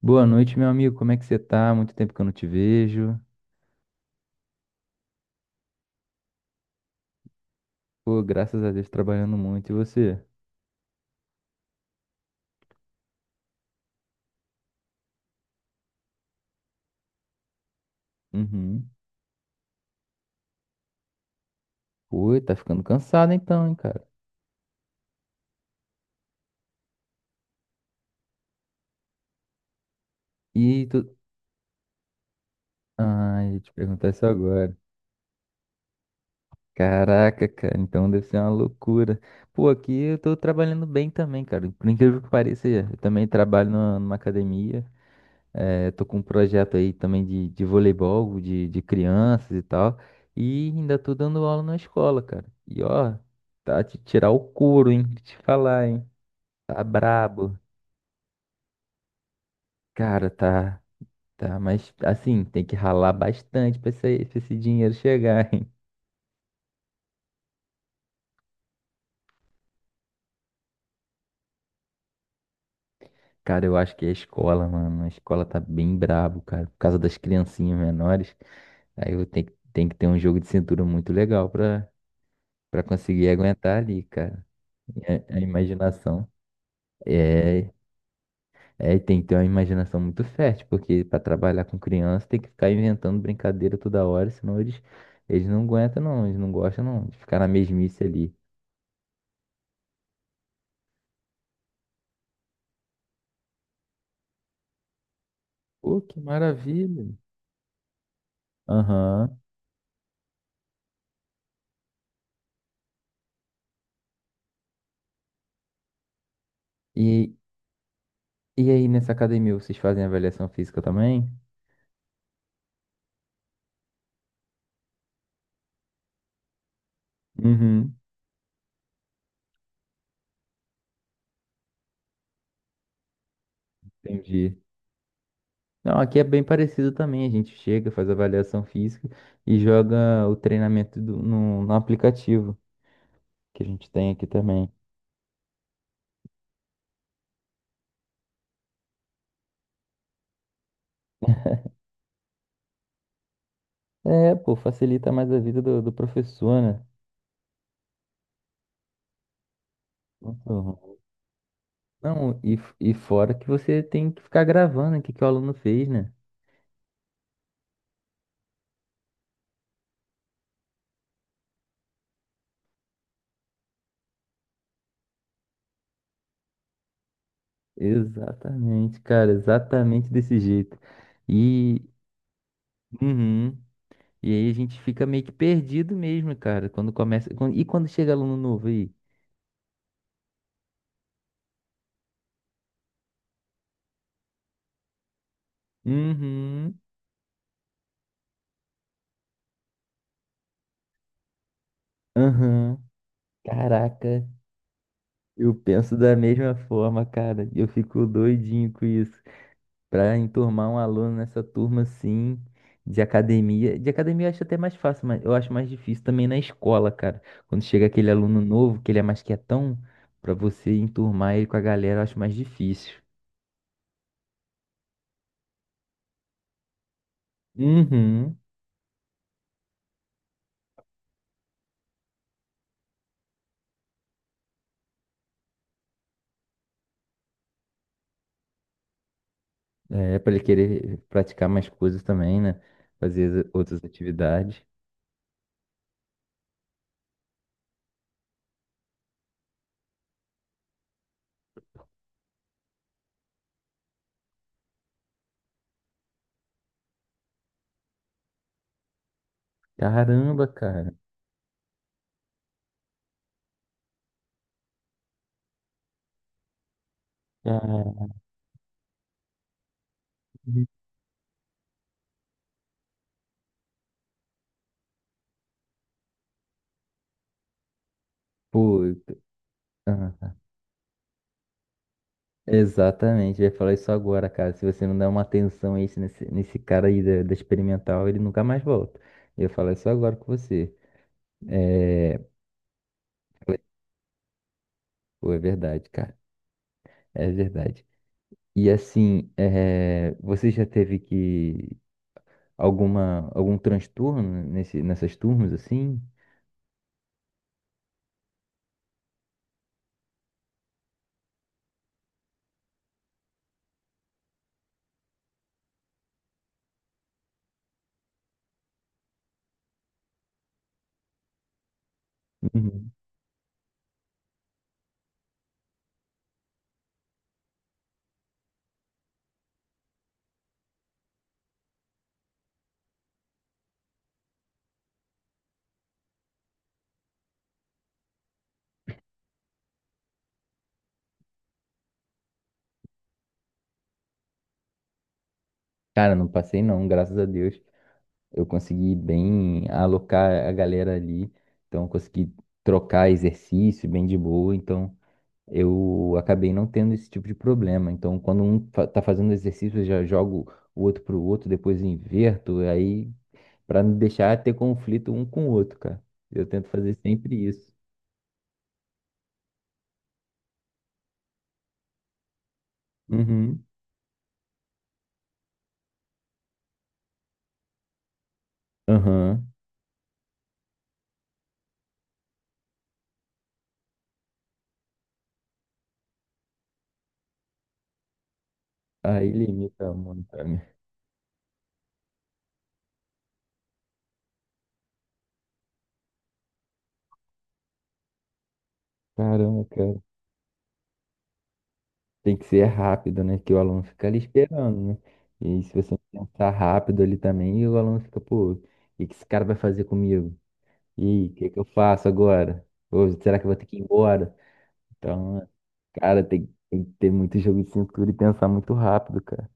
Boa noite, meu amigo. Como é que você tá? Muito tempo que eu não te vejo. Pô, graças a Deus, trabalhando muito. E você? Uhum. Pô, tá ficando cansado então, hein, cara? E tu... Ah, eu ia te perguntar isso agora. Caraca, cara, então deve ser uma loucura. Pô, aqui eu tô trabalhando bem também, cara. Por incrível que pareça, eu também trabalho numa academia. É, tô com um projeto aí também de voleibol, de crianças e tal. E ainda tô dando aula na escola, cara. E ó, tá te tirar o couro, hein? Te falar, hein? Tá brabo. Cara, tá, mas assim, tem que ralar bastante pra esse dinheiro chegar, hein? Cara, eu acho que é a escola, mano. A escola tá bem brabo, cara, por causa das criancinhas menores. Aí eu tenho que ter um jogo de cintura muito legal pra conseguir aguentar ali, cara. A imaginação. É, é, e tem que ter uma imaginação muito fértil, porque para trabalhar com criança tem que ficar inventando brincadeira toda hora, senão eles não aguentam não, eles não gostam não, de ficar na mesmice ali. Pô, que maravilha. Aham. E, e aí, nessa academia, vocês fazem avaliação física também? Uhum. Entendi. Não, aqui é bem parecido também. A gente chega, faz avaliação física e joga o treinamento no aplicativo que a gente tem aqui também. É, pô, facilita mais a vida do professor, né? Muito Não, e fora que você tem que ficar gravando o que, que o aluno fez, né? Exatamente, cara, exatamente desse jeito. E, uhum, e aí a gente fica meio que perdido mesmo, cara, quando começa. E quando chega aluno novo aí? Uhum, aham. Caraca, eu penso da mesma forma, cara. Eu fico doidinho com isso. Para enturmar um aluno nessa turma assim de academia. De academia eu acho até mais fácil, mas eu acho mais difícil também na escola, cara. Quando chega aquele aluno novo, que ele é mais quietão, para você enturmar ele com a galera, eu acho mais difícil. Uhum. É, para ele querer praticar mais coisas também, né? Outras atividades. Caramba, cara. Ah, Pô, ah. Exatamente, eu ia falar isso agora, cara. Se você não der uma atenção a isso nesse cara aí da experimental, ele nunca mais volta. Eu ia falar isso agora com você. É, pô, é verdade, cara. É verdade. E assim, é, você já teve que alguma algum transtorno nesse, nessas turmas assim? Uhum. Cara, não passei não, graças a Deus. Eu consegui bem alocar a galera ali, então eu consegui trocar exercício bem de boa, então eu acabei não tendo esse tipo de problema. Então, quando um tá fazendo exercício, eu já jogo o outro pro outro, depois inverto, aí para não deixar ter conflito um com o outro, cara. Eu tento fazer sempre isso. Uhum. Aham. Aí limita muito pra mim. Caramba, cara. Tem que ser rápido, né? Que o aluno fica ali esperando, né? E se você não pensar rápido ali também, o aluno fica, pô, o que que esse cara vai fazer comigo? E o que que eu faço agora? Ou será que eu vou ter que ir embora? Então, cara, tem que ter muito jogo de cintura e pensar muito rápido, cara.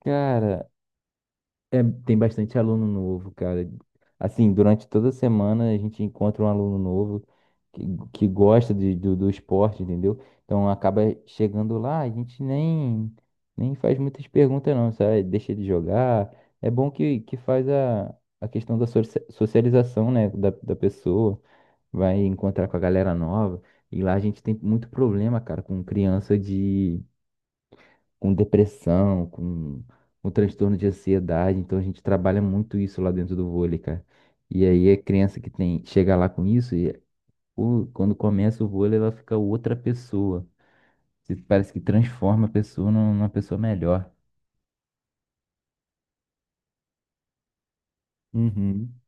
Cara, é, tem bastante aluno novo, cara. Assim, durante toda a semana a gente encontra um aluno novo que, que gosta de, do esporte, entendeu? Então acaba chegando lá, a gente nem faz muitas perguntas não, sabe? Deixa ele jogar. É bom que faz a questão da socialização, né, da pessoa. Vai encontrar com a galera nova. E lá a gente tem muito problema, cara, com criança de com depressão, com transtorno de ansiedade. Então a gente trabalha muito isso lá dentro do vôlei, cara. E aí é criança que tem chega lá com isso e quando começa o vôlei ela fica outra pessoa. Parece que transforma a pessoa numa pessoa melhor. Uhum.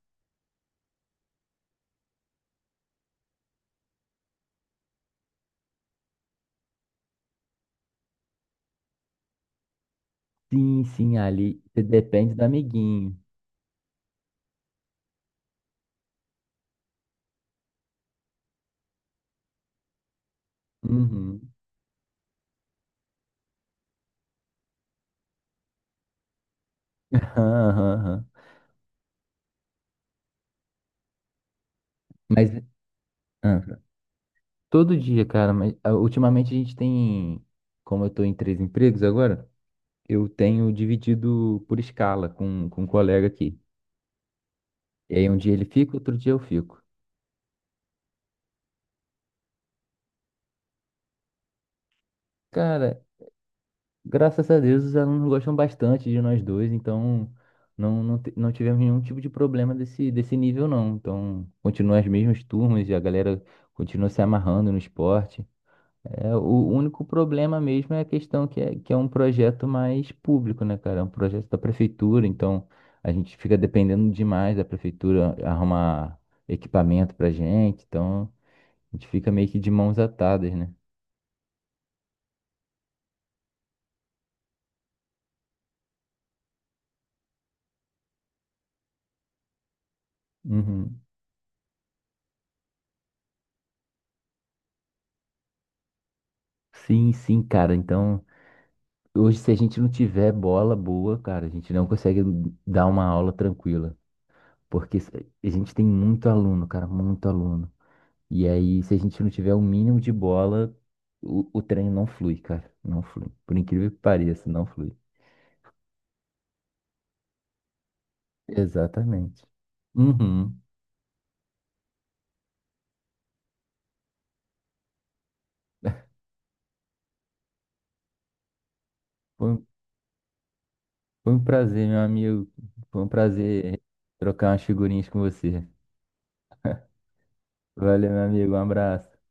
Sim, sim, ali você depende do amiguinho. Uhum. aham, aham. Mas. Ah. Todo dia, cara, mas ah, ultimamente a gente tem, como eu tô em três empregos agora, eu tenho dividido por escala com um colega aqui. E aí um dia ele fica, outro dia eu fico. Cara, graças a Deus os alunos gostam bastante de nós dois, então não tivemos nenhum tipo de problema desse nível não. Então, continuam as mesmas turmas e a galera continua se amarrando no esporte. É, o único problema mesmo é a questão que é um projeto mais público, né, cara? É um projeto da prefeitura, então a gente fica dependendo demais da prefeitura arrumar equipamento pra gente, então a gente fica meio que de mãos atadas, né? Uhum. Sim, sim, cara. Então, hoje, se a gente não tiver bola boa, cara, a gente não consegue dar uma aula tranquila. Porque a gente tem muito aluno, cara, muito aluno. E aí, se a gente não tiver o mínimo de bola, o treino não flui, cara. Não flui. Por incrível que pareça, não flui. Exatamente. Uhum. Foi, um- foi um prazer, meu amigo. Foi um prazer trocar umas figurinhas com você. Valeu, meu amigo. Um abraço.